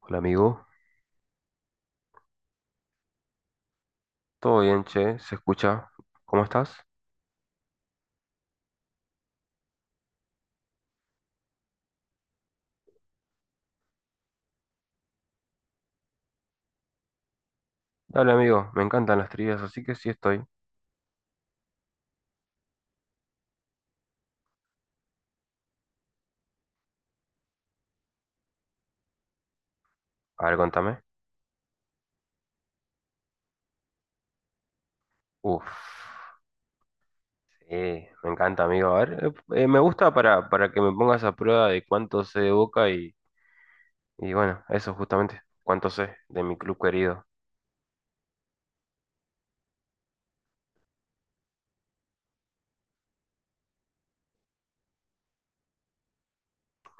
Hola amigo, todo bien, che, se escucha. ¿Cómo estás? Dale amigo, me encantan las trivias, así que sí estoy. A ver, contame. Uf, sí, me encanta amigo. A ver, me gusta para que me pongas a prueba de cuánto sé de Boca y bueno, eso justamente, cuánto sé de mi club querido.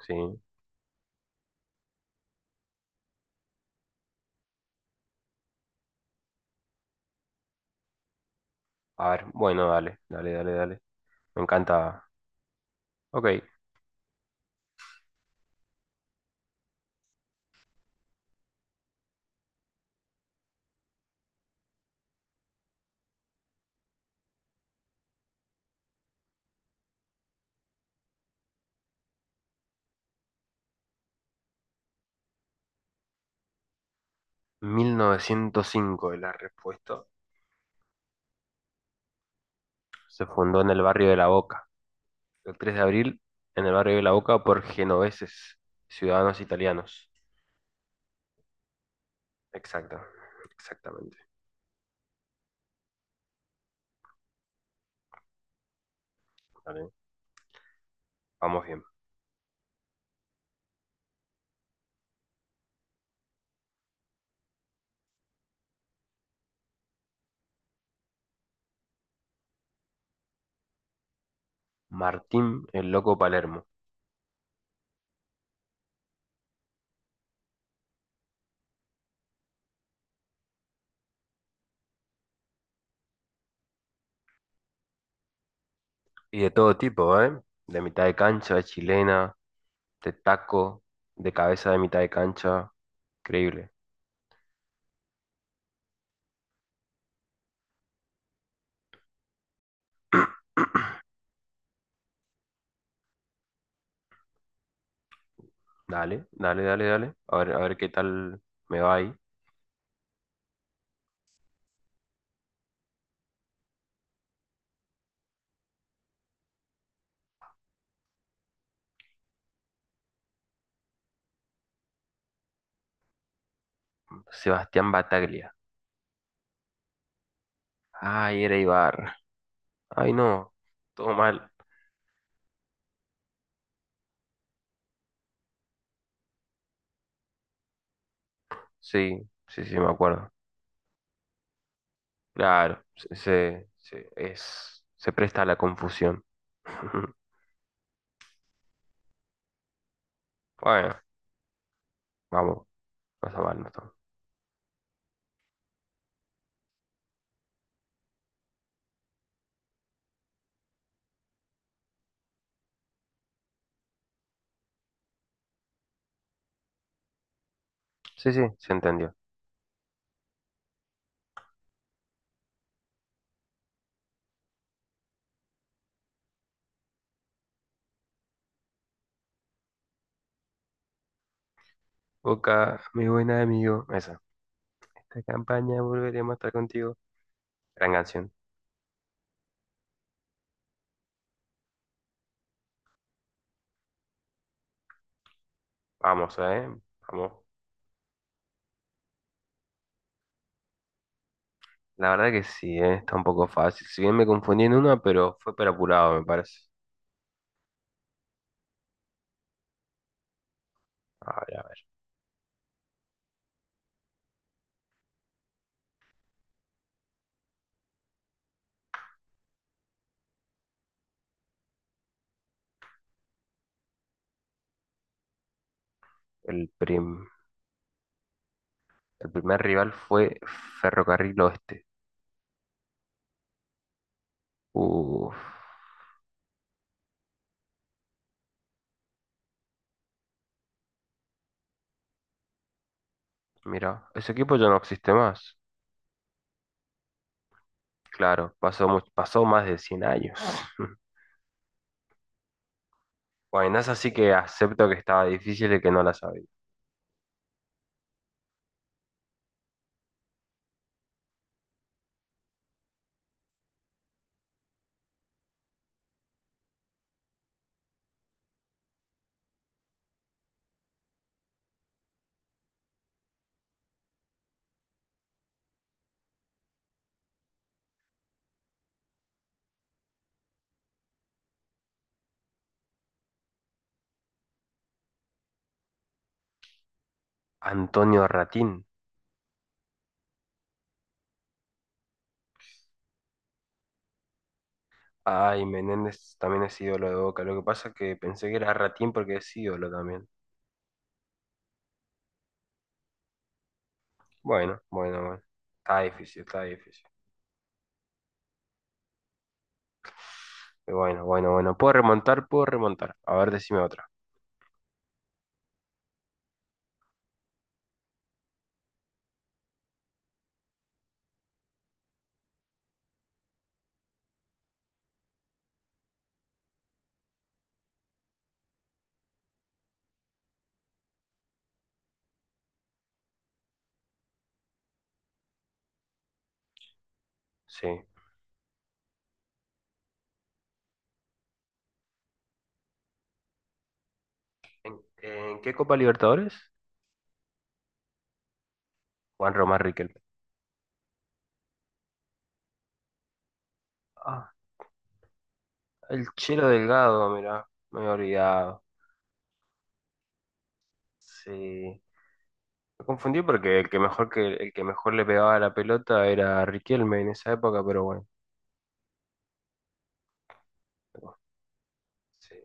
Sí, a ver, bueno, dale, dale, dale, dale. Me encanta. Ok, 1905 es la respuesta. Se fundó en el barrio de La Boca. El 3 de abril, en el barrio de La Boca, por genoveses, ciudadanos italianos. Exacto, exactamente. Vale, vamos bien. Martín, el loco Palermo. Y de todo tipo, ¿eh? De mitad de cancha, de chilena, de taco, de cabeza de mitad de cancha. Increíble. Dale, dale, dale, dale. A ver qué tal me va ahí. Sebastián Bataglia. Ay, era Ibar. Ay, no. Todo mal. Sí, sí, sí, me acuerdo. Claro, se presta a la confusión. Bueno, vamos, no está mal, no está. Sí, sí, se entendió. Boca, mi buen amigo, esa. Esta campaña volveremos a estar contigo. Gran canción. Vamos, vamos. La verdad que sí, está un poco fácil. Si bien me confundí en una, pero fue por apurado, me parece. A ver, a ver. El prim- el primer rival fue Ferrocarril Oeste. Uf, mira, ese equipo ya no existe más. Claro, pasó más de 100 años. Bueno, es así que acepto que estaba difícil y que no la sabía. Antonio Ratín. Ay, Menéndez también es ídolo de Boca. Lo que pasa es que pensé que era Ratín porque es ídolo también. Bueno, bueno, bueno. Está difícil, está difícil. Pero bueno, bueno, bueno. Puedo remontar, puedo remontar. A ver, decime otra. Sí. En qué Copa Libertadores? Juan Román Riquelme. Ah, el Chelo Delgado, mirá. Me he olvidado. Sí. Me confundí porque el que mejor le pegaba a la pelota era Riquelme en esa época, pero bueno, pero sí,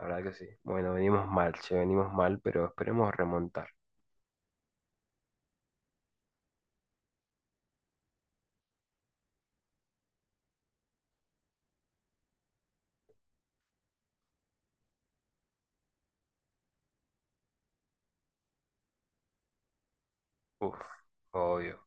la verdad que sí. Bueno, venimos mal, che, venimos mal, pero esperemos remontar. Uf, obvio.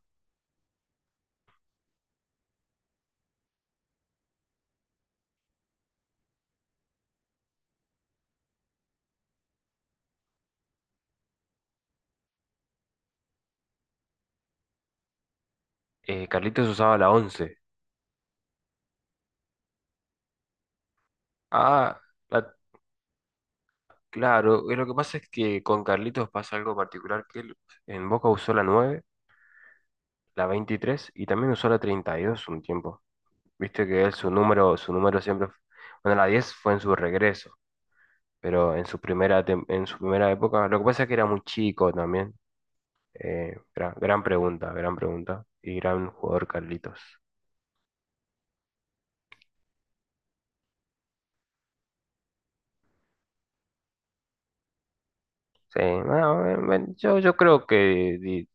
Carlitos usaba la 11. Ah, la- claro, lo que pasa es que con Carlitos pasa algo particular, que él en Boca usó la 9, la 23 y también usó la 32 un tiempo. Viste que él su número siempre, bueno, la 10 fue en su regreso. Pero en su en su primera época, lo que pasa es que era muy chico también. Gran, gran pregunta, gran pregunta. Y gran jugador Carlitos. Sí, no, bueno, yo creo que... di-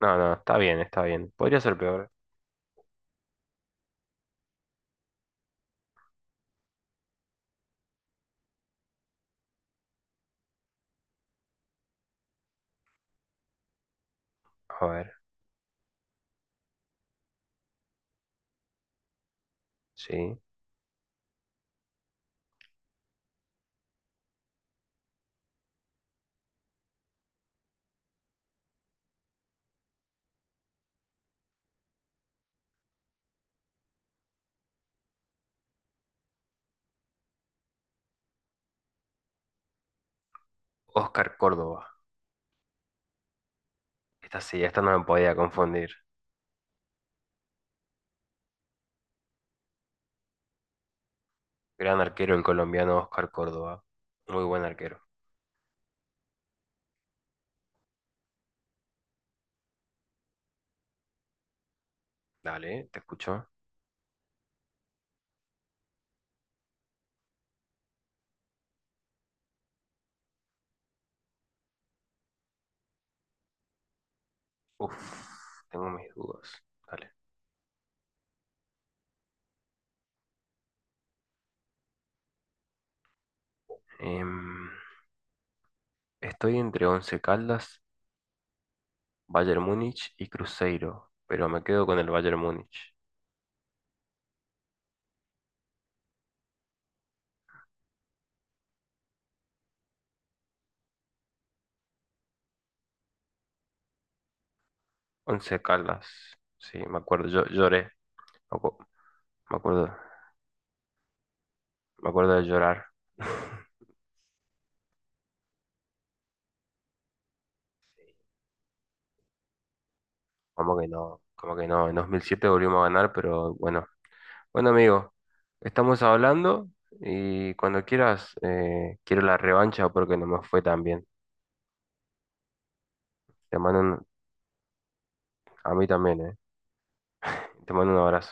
No, no, está bien, está bien. Podría ser peor. A ver, sí. Oscar Córdoba. Esta sí, esta no me podía confundir. Gran arquero el colombiano Oscar Córdoba. Muy buen arquero. Dale, te escucho. Uf, tengo mis dudas. Dale. Em, estoy entre Once Caldas, Bayern Múnich y Cruzeiro, pero me quedo con el Bayern Múnich. Once Caldas, sí, me acuerdo, yo lloré, me acu- me acuerdo, me acuerdo de llorar. Como que no, en 2007 volvimos a ganar, pero bueno. Bueno, amigo, estamos hablando y cuando quieras, quiero la revancha porque no me fue tan bien. Te mando un- a mí también, eh. Te mando un abrazo.